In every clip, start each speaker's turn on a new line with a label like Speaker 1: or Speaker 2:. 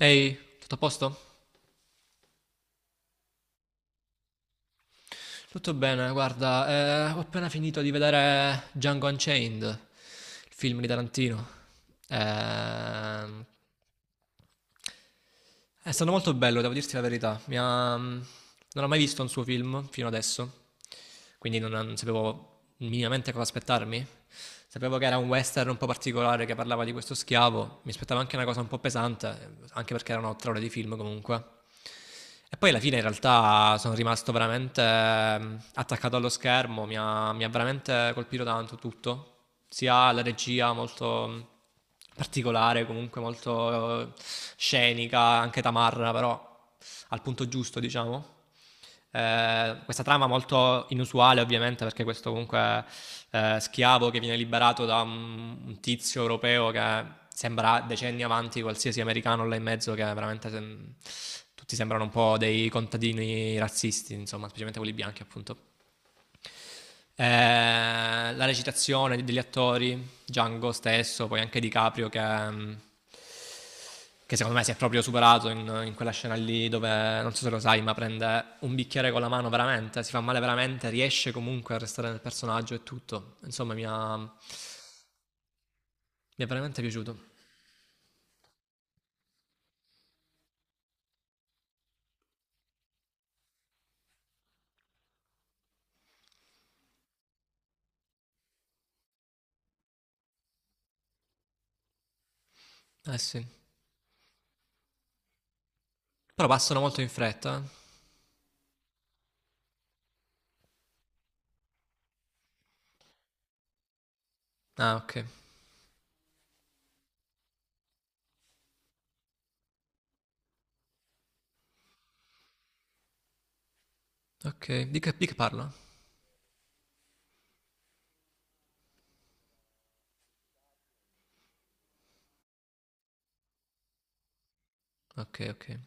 Speaker 1: Ehi, tutto a posto? Tutto bene, guarda, ho appena finito di vedere Django Unchained, il film di Tarantino. Ehm, è stato molto bello, devo dirti la verità. Non ho mai visto un suo film fino adesso, quindi non sapevo minimamente cosa aspettarmi. Sapevo che era un western un po' particolare che parlava di questo schiavo, mi aspettavo anche una cosa un po' pesante, anche perché erano 3 ore di film comunque. E poi alla fine in realtà sono rimasto veramente attaccato allo schermo, mi ha veramente colpito tanto tutto, sia la regia molto particolare, comunque molto scenica, anche tamarra però al punto giusto diciamo, questa trama molto inusuale, ovviamente, perché questo comunque schiavo che viene liberato da un tizio europeo che sembra decenni avanti qualsiasi americano là in mezzo, che tutti sembrano un po' dei contadini razzisti, insomma, specialmente quelli bianchi, appunto. La recitazione degli attori, Django stesso, poi anche Di Caprio che secondo me si è proprio superato in quella scena lì dove, non so se lo sai, ma prende un bicchiere con la mano veramente, si fa male veramente, riesce comunque a restare nel personaggio e tutto. Insomma, mi è veramente piaciuto. Eh sì. Però passano molto in fretta. Eh. Ah, ok. Ok. Di che parla? Ok, ok.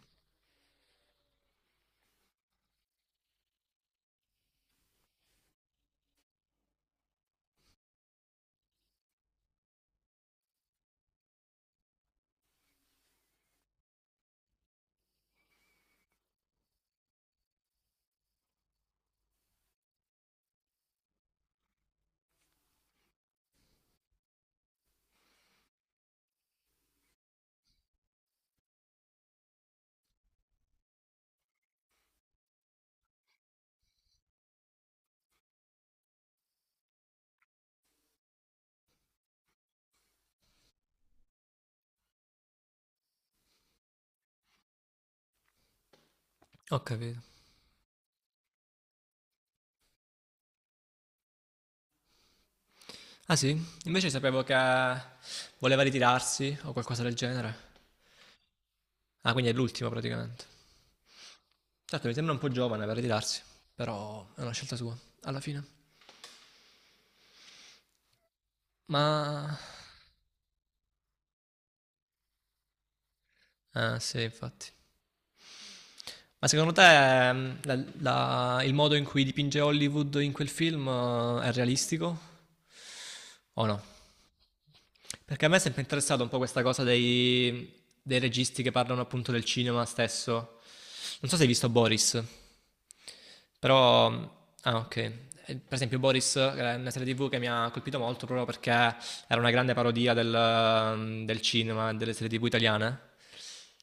Speaker 1: Ho capito. Ah sì? Invece sapevo che voleva ritirarsi o qualcosa del genere. Ah, quindi è l'ultimo praticamente. Certo, mi sembra un po' giovane per ritirarsi, però è una scelta sua, alla fine. Ma... Ah, sì, infatti. Ma secondo te ehm, la- il modo in cui dipinge Hollywood in quel film è realistico o no? Perché a me è sempre interessato un po' questa cosa dei registi che parlano appunto del cinema stesso. Non so se hai visto Boris. Però, ah, ok. Per esempio, Boris è una serie TV che mi ha colpito molto proprio perché era una grande parodia del cinema e delle serie TV italiane.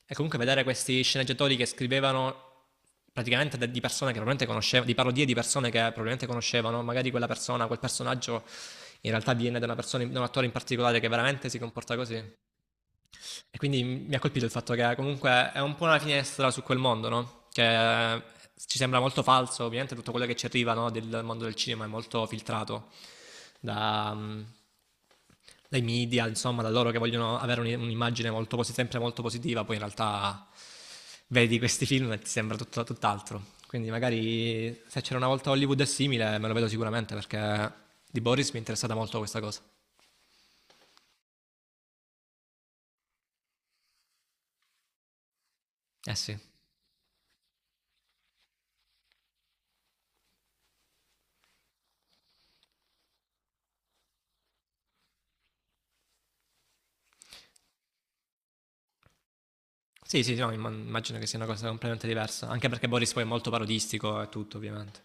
Speaker 1: E comunque vedere questi sceneggiatori che scrivevano praticamente di persone che probabilmente conoscevano, di parodie di persone che probabilmente conoscevano, magari quella persona, quel personaggio in realtà viene da una persona, da un attore in particolare che veramente si comporta così. E quindi mi ha colpito il fatto che comunque è un po' una finestra su quel mondo, no? Che ci sembra molto falso, ovviamente tutto quello che ci arriva no, del mondo del cinema è molto filtrato da, mm, dai media, insomma, da loro che vogliono avere un'immagine sempre molto positiva, poi in realtà vedi questi film e ti sembra tutt'altro. Quindi magari se c'era una volta Hollywood è simile, me lo vedo sicuramente perché di Boris mi è interessata molto questa cosa. Eh sì. Sì, sì, no, immagino che sia una cosa completamente diversa, anche perché Boris poi è molto parodistico e tutto, ovviamente.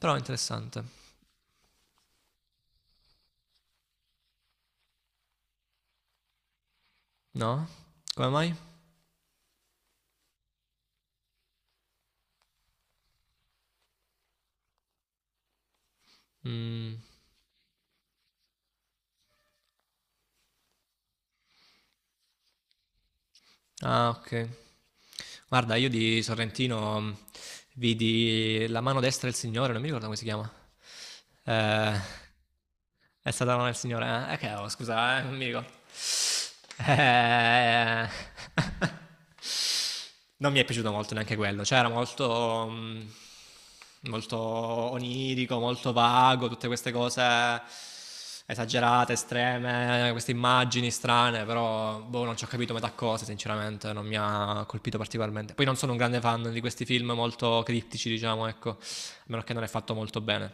Speaker 1: Però è interessante. No? Come mai? Mm. Ah, ok. Guarda, io di Sorrentino mm, vidi La mano destra del Signore, non mi ricordo come si chiama. Eh, è stata la mano del Signore. Che, oh, scusa, non mi ricordo. Eh... Non mi è piaciuto molto neanche quello, cioè era molto onirico, molto vago, tutte queste cose esagerate, estreme, queste immagini strane, però boh, non ci ho capito metà cose, sinceramente, non mi ha colpito particolarmente. Poi non sono un grande fan di questi film molto criptici, diciamo, ecco, a meno che non è fatto molto bene.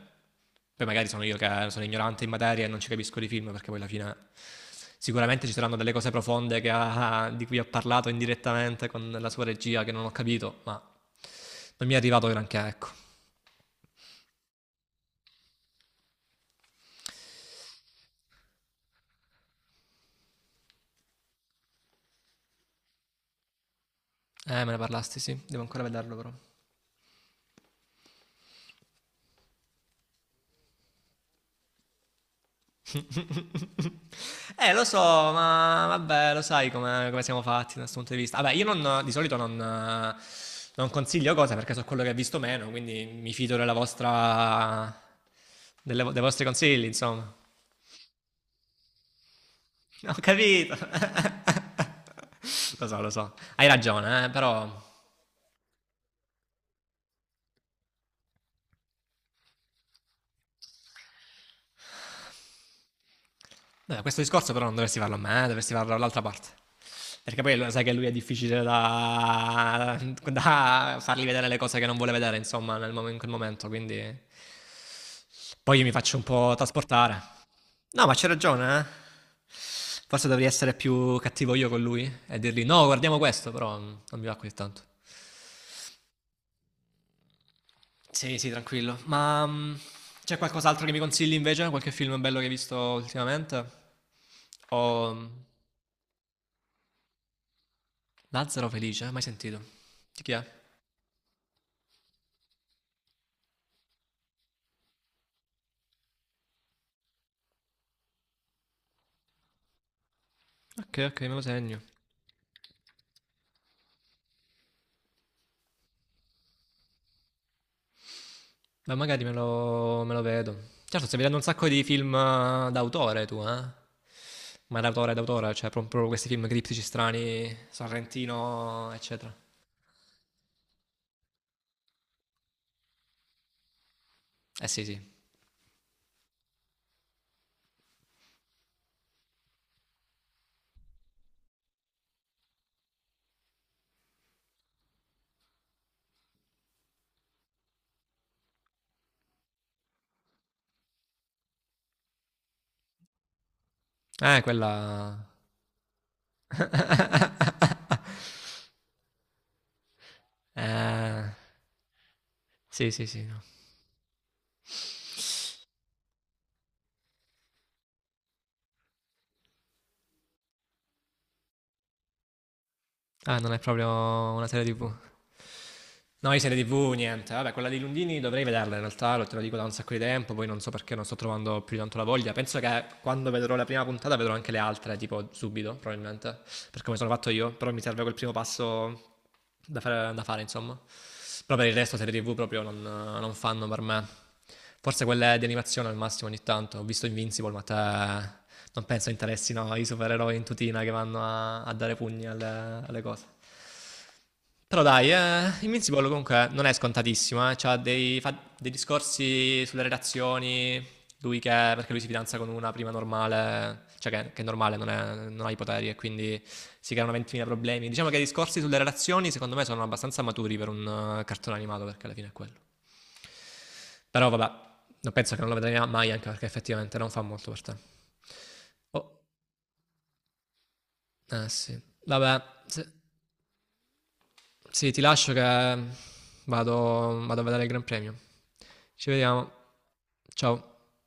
Speaker 1: Poi magari sono io che sono ignorante in materia e non ci capisco di film perché poi alla fine sicuramente ci saranno delle cose profonde di cui ho parlato indirettamente con la sua regia che non ho capito, ma non mi è arrivato granché, ecco. Me ne parlasti, sì, devo ancora vederlo però. Lo so, ma vabbè, lo sai come siamo fatti da questo punto di vista. Vabbè, io non- di solito non consiglio cose perché so quello che ho visto meno, quindi mi fido della vostra, dei vostri consigli, insomma. Ho capito. Lo so, lo so. Hai ragione, però... Beh, questo discorso però non dovresti farlo a me, dovresti farlo all'altra parte. Perché poi lo sai che lui è difficile da fargli vedere le cose che non vuole vedere, insomma, in quel momento, quindi... Poi io mi faccio un po' trasportare. No, ma c'è ragione, eh. Forse dovrei essere più cattivo io con lui e dirgli no, guardiamo questo, però mm, non mi va così tanto. Sì, sì, tranquillo. Ma mm, c'è qualcos'altro che mi consigli invece? Qualche film bello che hai visto ultimamente? O mm, Lazzaro Felice, mai sentito? Di chi è? Ok, ok, me lo segno. Ma magari me lo vedo. Certo, stai vedendo un sacco di film d'autore tu, eh? Ma d'autore, d'autore, cioè proprio questi film criptici strani, Sorrentino, eccetera. Eh sì, sì. Quella... Eh, sì, sì, sì. No. Ah, non è proprio una serie TV. No, io serie TV, niente. Vabbè, quella di Lundini dovrei vederla in realtà, lo te lo dico da un sacco di tempo, poi non so perché non sto trovando più di tanto la voglia. Penso che quando vedrò la prima puntata vedrò anche le altre, tipo subito, probabilmente, per come sono fatto io, però mi serve quel primo passo da fare, insomma. Però per il resto serie TV proprio non fanno per me. Forse quelle di animazione al massimo ogni tanto. Ho visto Invincible, ma te non penso interessino i supereroi in tutina che vanno a dare pugni alle cose. Però dai, Invincible comunque non è scontatissimo, eh. C'ha dei, fa dei discorsi sulle relazioni, lui che, perché lui si fidanza con una prima normale, cioè che è normale, non, non ha i poteri e quindi si creano 20.000 problemi. Diciamo che i discorsi sulle relazioni secondo me sono abbastanza maturi per un cartone animato perché alla fine è quello. Però vabbè, non penso che non lo vedrai mai anche perché effettivamente non fa molto per te. Oh, eh sì. Vabbè, se- sì, ti lascio che vado, vado a vedere il Gran Premio. Ci vediamo. Ciao.